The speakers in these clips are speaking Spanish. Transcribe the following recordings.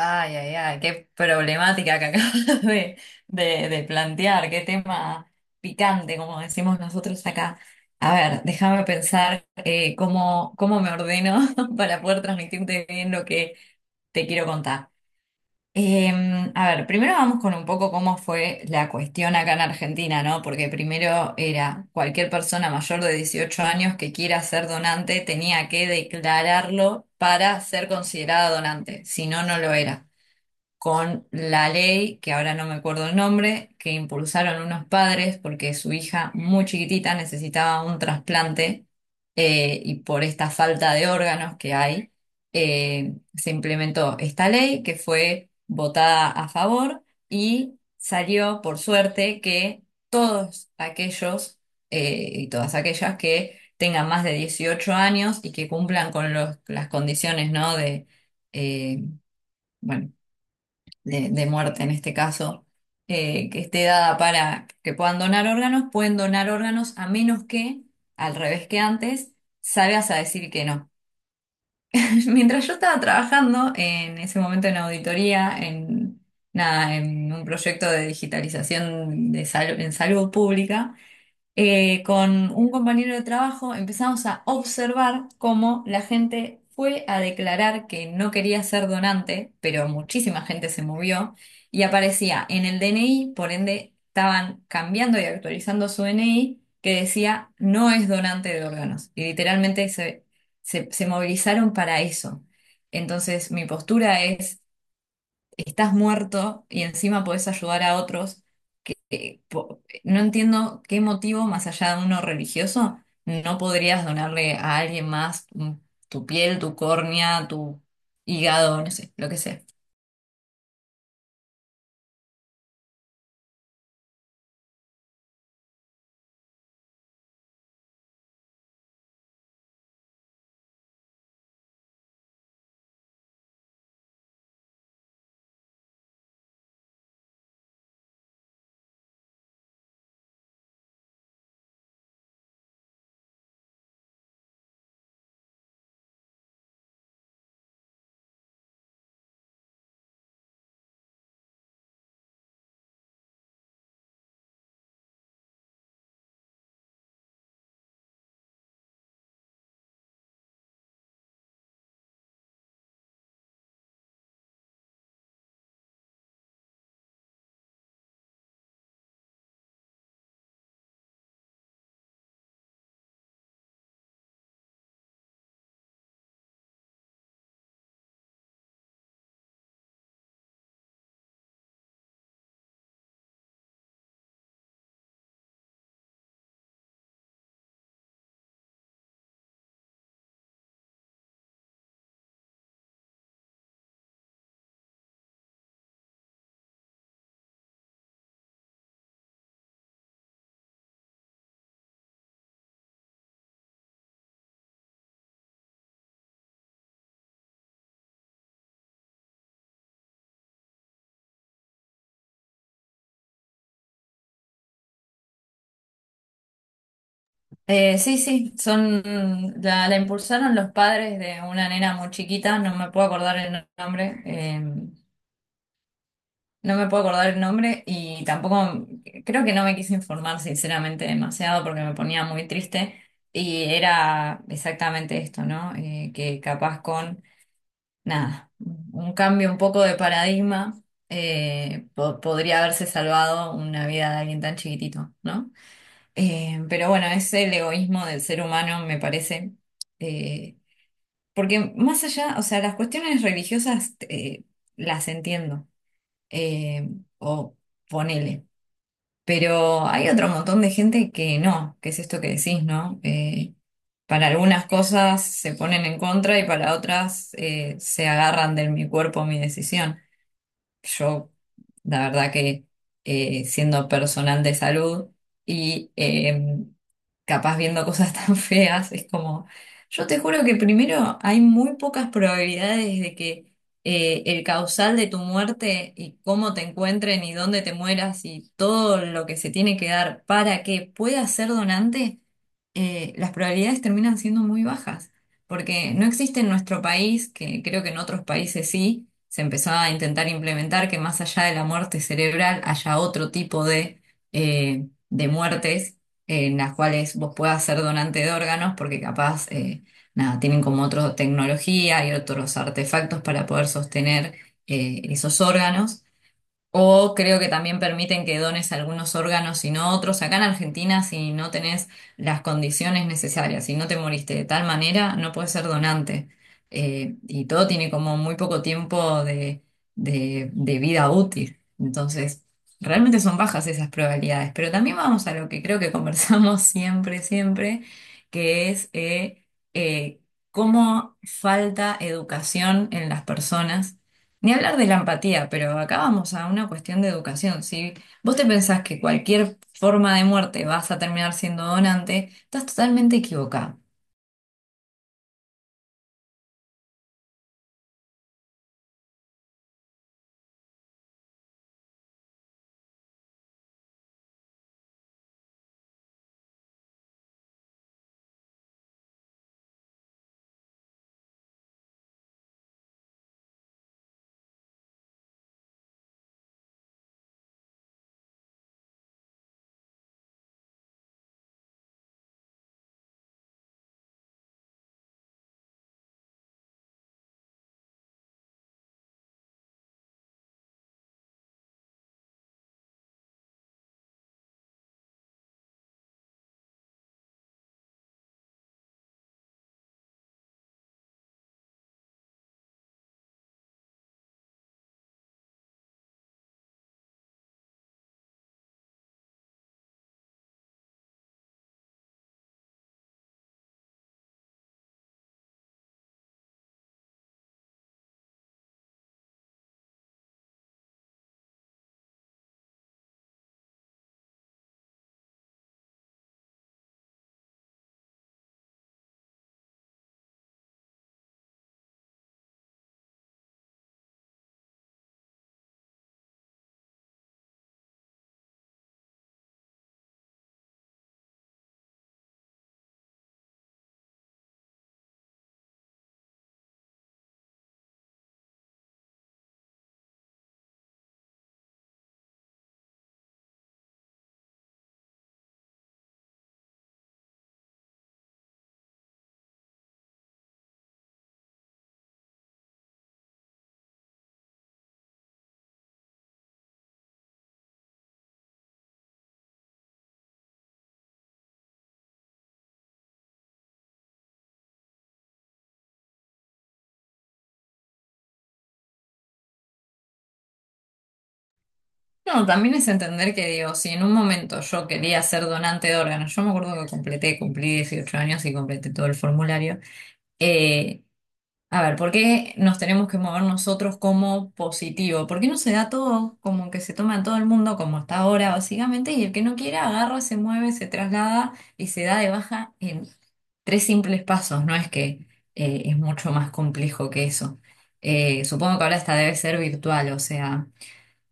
Ay, ay, ay, qué problemática que acabas de, de plantear. Qué tema picante, como decimos nosotros acá. A ver, déjame pensar cómo, cómo me ordeno para poder transmitirte bien lo que te quiero contar. Eh, a ver, primero vamos con un poco cómo fue la cuestión acá en Argentina, ¿no? Porque primero era cualquier persona mayor de 18 años que quiera ser donante tenía que declararlo para ser considerada donante, si no, no lo era con la ley, que ahora no me acuerdo el nombre, que impulsaron unos padres porque su hija muy chiquitita necesitaba un trasplante, y por esta falta de órganos que hay, se implementó esta ley que fue votada a favor y salió, por suerte, que todos aquellos y todas aquellas que tengan más de 18 años y que cumplan con las condiciones, ¿no? De, eh, bueno, de muerte en este caso, que esté dada para que puedan donar órganos, pueden donar órganos a menos que, al revés que antes, salgas a decir que no. Mientras yo estaba trabajando en ese momento en auditoría, en, nada, en un proyecto de digitalización de en salud pública, con un compañero de trabajo empezamos a observar cómo la gente fue a declarar que no quería ser donante, pero muchísima gente se movió y aparecía en el DNI, por ende estaban cambiando y actualizando su DNI que decía no es donante de órganos. Y literalmente se, se movilizaron para eso. Entonces, mi postura es: estás muerto y encima podés ayudar a otros. No entiendo qué motivo, más allá de uno religioso, no podrías donarle a alguien más tu piel, tu córnea, tu hígado, no sé, lo que sea. Sí, sí, son, la impulsaron los padres de una nena muy chiquita, no me puedo acordar el nombre. No me puedo acordar el nombre y tampoco, creo que no me quise informar sinceramente demasiado porque me ponía muy triste y era exactamente esto, ¿no? Que capaz con, nada, un cambio un poco de paradigma, podría haberse salvado una vida de alguien tan chiquitito, ¿no? Pero bueno, es el egoísmo del ser humano, me parece. eh, Porque más allá, o sea, las cuestiones religiosas las entiendo, eh, o ponele. Pero hay otro montón de gente que no, que es esto que decís, ¿no? Para algunas cosas se ponen en contra y para otras, se agarran del mi cuerpo, mi decisión. Yo, la verdad que, siendo personal de salud y, capaz viendo cosas tan feas, es como, yo te juro que primero hay muy pocas probabilidades de que, el causal de tu muerte y cómo te encuentren y dónde te mueras y todo lo que se tiene que dar para que puedas ser donante, las probabilidades terminan siendo muy bajas, porque no existe en nuestro país, que creo que en otros países sí, se empezó a intentar implementar que más allá de la muerte cerebral haya otro tipo de muertes en las cuales vos puedas ser donante de órganos, porque capaz, nada, tienen como otra tecnología y otros artefactos para poder sostener esos órganos. O creo que también permiten que dones algunos órganos y no otros. Acá en Argentina, si no tenés las condiciones necesarias, si no te moriste de tal manera, no puedes ser donante. Y todo tiene como muy poco tiempo de, de vida útil. Entonces, realmente son bajas esas probabilidades. Pero también vamos a lo que creo que conversamos siempre, siempre, que es eh, cómo falta educación en las personas, ni hablar de la empatía, pero acá vamos a una cuestión de educación. Si vos te pensás que cualquier forma de muerte vas a terminar siendo donante, estás totalmente equivocado. No, también es entender que, digo, si en un momento yo quería ser donante de órganos, yo me acuerdo que completé, cumplí 18 años y completé todo el formulario. eh, A ver, ¿por qué nos tenemos que mover nosotros como positivo? ¿Por qué no se da todo como que se toma en todo el mundo como está ahora, básicamente? Y el que no quiera agarra, se mueve, se traslada y se da de baja en tres simples pasos. No es que, es mucho más complejo que eso. Supongo que ahora esta debe ser virtual, o sea,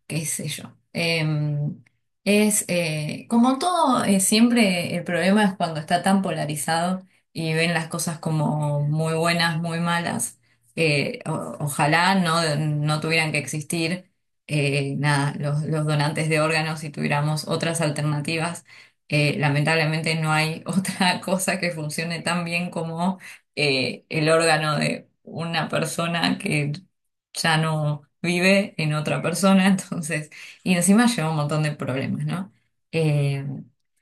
qué sé yo. Es como todo, siempre el problema es cuando está tan polarizado y ven las cosas como muy buenas, muy malas. Ojalá no, no tuvieran que existir, nada, los donantes de órganos y tuviéramos otras alternativas. Lamentablemente no hay otra cosa que funcione tan bien como el órgano de una persona que ya no vive en otra persona, entonces, y encima lleva un montón de problemas, ¿no? Eh,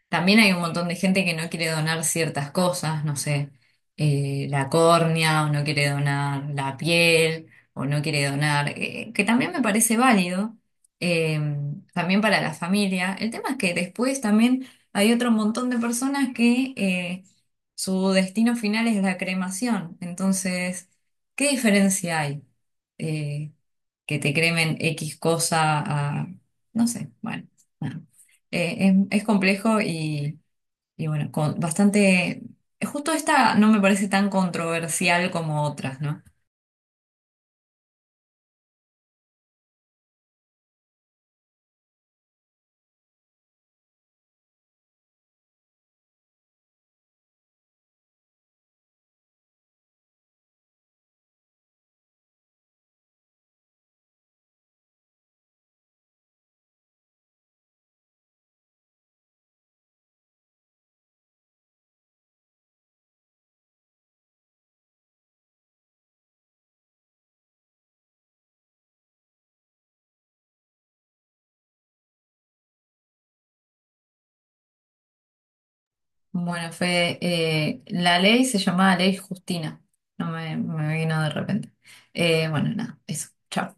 también hay un montón de gente que no quiere donar ciertas cosas, no sé, la córnea, o no quiere donar la piel, o no quiere donar, que también me parece válido, eh, también para la familia. El tema es que después también hay otro montón de personas que, su destino final es la cremación, entonces, ¿qué diferencia hay? eh, que te cremen X cosa a, no sé, bueno, nada. Es complejo y bueno, con bastante, justo esta no me parece tan controversial como otras, ¿no? Bueno, Fede, la ley se llamaba Ley Justina, no me, me vino de repente. Bueno, nada, eso, chao.